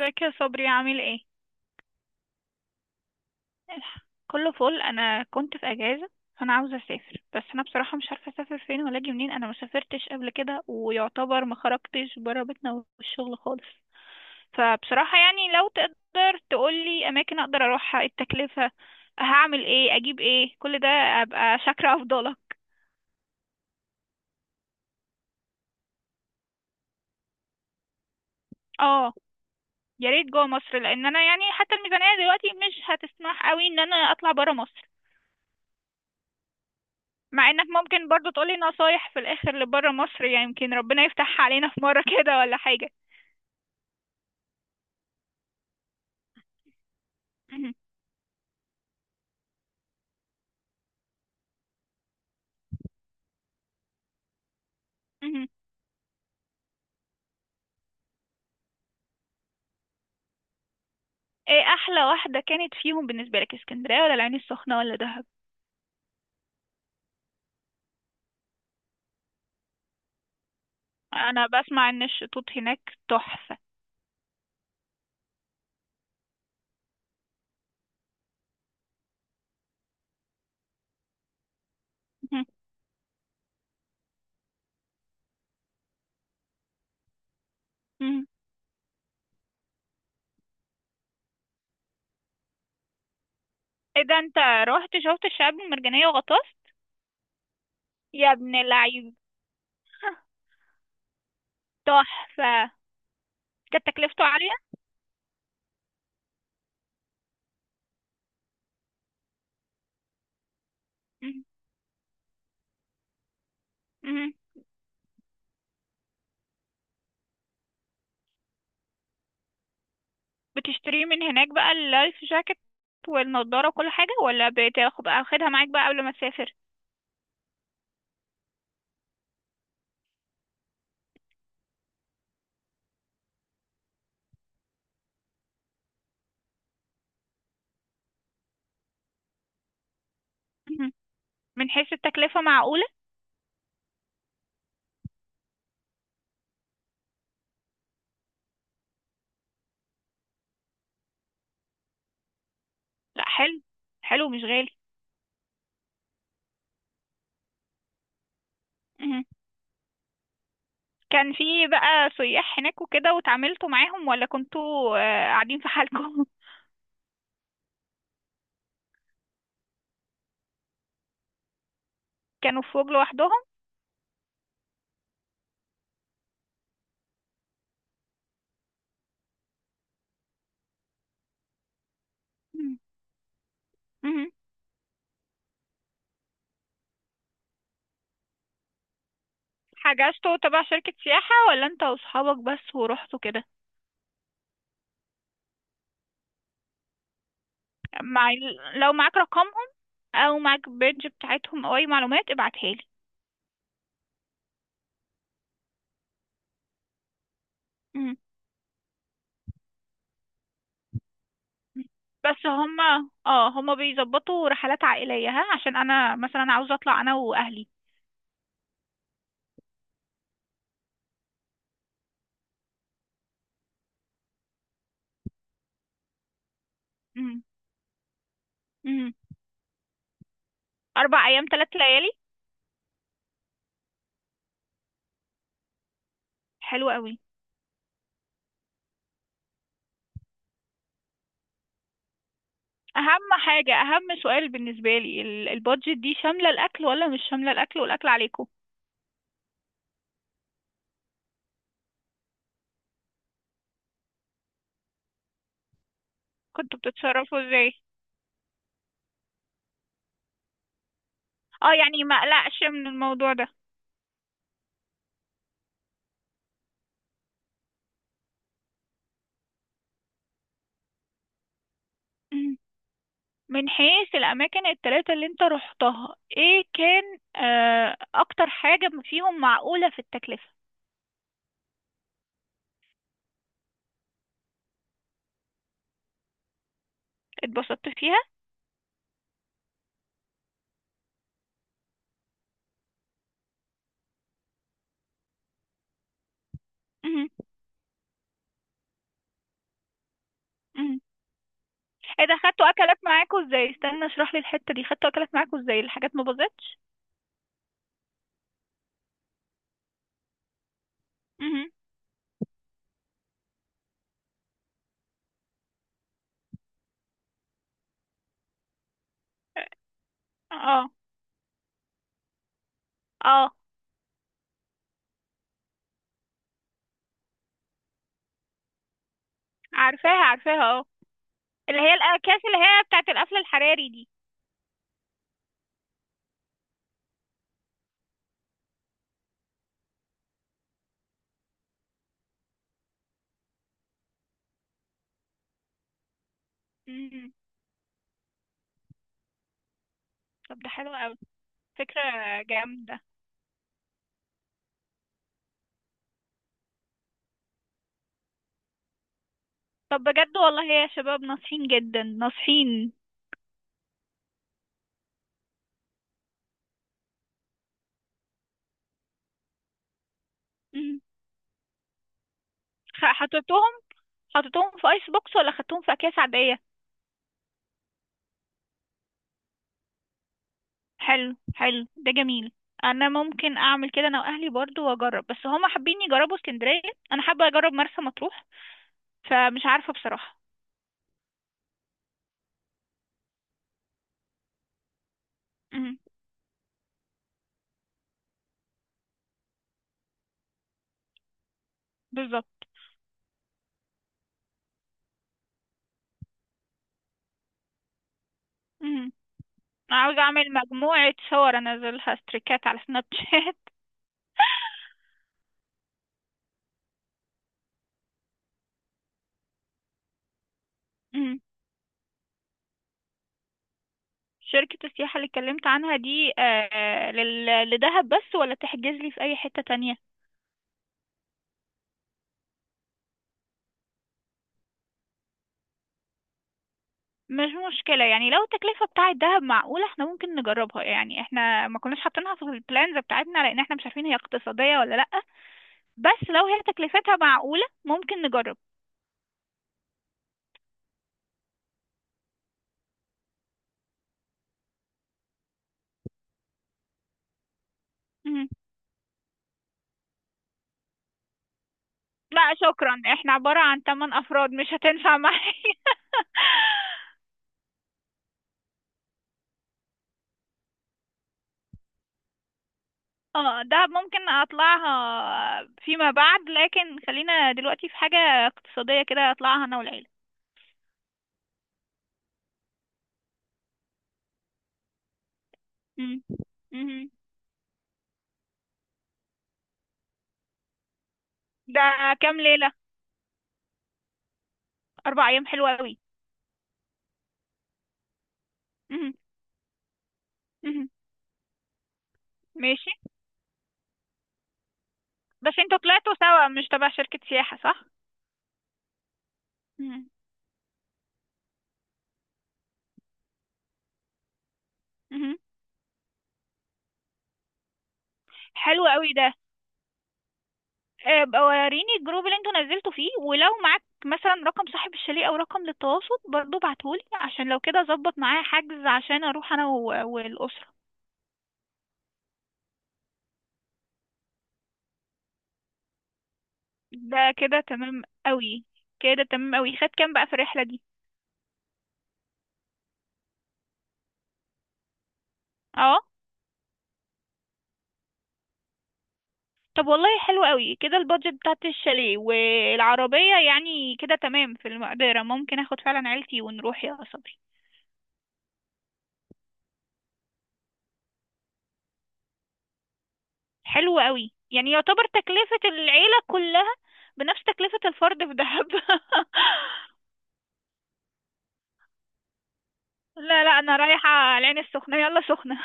ازيك يا صبري، عامل ايه؟ كله فل. انا كنت في اجازه. فانا عاوزه اسافر، بس انا بصراحه مش عارفه اسافر فين ولا اجي منين. انا ما سافرتش قبل كده ويعتبر ما خرجتش بره بيتنا والشغل خالص. فبصراحه يعني لو تقدر تقولي اماكن اقدر اروحها، التكلفه، هعمل ايه، اجيب ايه، كل ده، ابقى شاكره افضلك. اه، يا ريت جوه مصر، لان انا يعني حتى الميزانيه دلوقتي مش هتسمح قوي ان انا اطلع بره مصر. مع انك ممكن برضو تقولي نصايح في الاخر لبره مصر، يعني يمكن ربنا يفتحها علينا في مرة كده ولا حاجة. مهم. مهم. ايه احلى واحدة كانت فيهم بالنسبة لك، اسكندرية ولا العين السخنة ولا دهب؟ انا بسمع ان الشطوط هناك تحفة. مهم. مهم. ايه ده، انت رحت شفت الشعاب المرجانية وغطست؟ يا ابن اللعيب! تحفة. كانت تكلفته عالية؟ مهم. مهم. بتشتريه من هناك بقى اللايف جاكيت والنضارة وكل حاجة، ولا بتاخد بقى واخدها معاك بقى قبل ما تسافر؟ من حيث التكلفة معقولة؟ لا، حلو. حلو مش غالي. مهم. كان في بقى سياح هناك وكده وتعاملتوا معاهم، ولا كنتوا قاعدين في حالكم؟ كانوا في فوج لوحدهم. مم. مهم. حجزتوا تبع شركة سياحة ولا انت واصحابك بس ورحتوا كده؟ لو معاك رقمهم، او معاك بيدج بتاعتهم، او اي معلومات ابعتها لي. مم. بس هما بيظبطوا رحلات عائلية، ها عشان انا مثلا عاوزة اطلع انا واهلي. مم. مم. اربع ايام ثلاث ليالي؟ حلو قوي. اهم اهم سؤال بالنسبة لي، البادجت دي شاملة الاكل ولا مش شاملة الاكل، والاكل عليكم؟ كنتوا بتتصرفوا ازاي؟ اه، يعني ما اقلقش من الموضوع ده. مم. من حيث الاماكن التلاتة اللي انت رحتها، ايه كان اكتر حاجة فيهم معقولة في التكلفة؟ اتبسطت فيها؟ مم. مم. ايه ده، خدتوا اكلات معاكوا ازاي؟ استنى، اشرح لي الحتة دي. خدتوا اكلات معاكوا ازاي؟ الحاجات ما باظتش؟ مم. اه، اه، عارفاها، عارفاها، آه. اللي هي الأكياس اللي هي بتاعت القفل الحراري دي. مم. طب ده حلو قوي. فكرة جامدة. طب بجد، والله يا شباب ناصحين جدا ناصحين. مم. خ- حطيتوهم حطيتوهم في ايس بوكس، ولا خدتوهم في اكياس عادية؟ حلو حلو، ده جميل. انا ممكن اعمل كده انا واهلي برضو واجرب، بس هما حابين يجربوا اسكندرية. انا حابة اجرب مرسى مطروح، فمش عارفة بصراحة. مم. بالظبط. مم. عاوزة اعمل مجموعة صور انزلها ستريكات على سناب شات. شركة السياحة اللي اتكلمت عنها دي لدهب بس، ولا تحجز لي في أي حتة تانية؟ مش مشكلة، يعني لو التكلفة بتاعة دهب معقولة احنا ممكن نجربها، يعني احنا ما كناش حاطينها في البلانز بتاعتنا لأن احنا مش عارفين هي اقتصادية ولا لأ. بس لو هي تكلفتها معقولة ممكن نجرب. مم. لا شكرا، احنا عبارة عن 8 أفراد، مش هتنفع معايا. اه، دهب ممكن اطلعها فيما بعد، لكن خلينا دلوقتي في حاجة اقتصادية كده اطلعها انا والعيلة. مم. مم. ده كام ليلة؟ أربع أيام، حلوة أوي. مم. مم. ماشي. بس انتوا طلعتوا سوا مش تبع شركة سياحة، صح؟ مم. مم. حلو أوي ده. بقى وريني الجروب اللي انتوا نزلتوا فيه، ولو معاك مثلا رقم صاحب الشاليه أو رقم للتواصل برضو بعتهولي عشان لو كده أظبط معاه حجز عشان أروح أنا والأسرة. ده كده تمام أوي. كده تمام أوي. خد كام بقى في الرحلة دي؟ اه. طب والله حلو قوي، كده البادجت بتاعت الشاليه والعربية يعني كده تمام في المقدرة، ممكن اخد فعلا عيلتي ونروح يا صبري. حلو قوي، يعني يعتبر تكلفة العيلة كلها بنفس تكلفة الفرد في دهب. لا، لا، انا رايحة العين السخنة، يلا سخنة.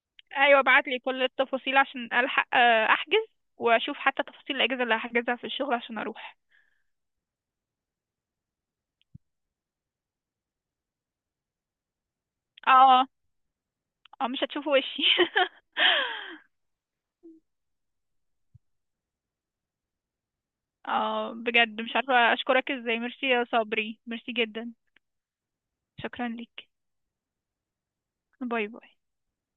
ايوه، ابعتلي كل التفاصيل عشان الحق احجز، واشوف حتى تفاصيل الاجازة اللي هحجزها في الشغل عشان اروح. اه، اه، مش هتشوفوا وشي. اه، بجد مش عارفة اشكرك ازاي، ميرسي يا صبري، ميرسي جدا. شكرا ليك. باي باي.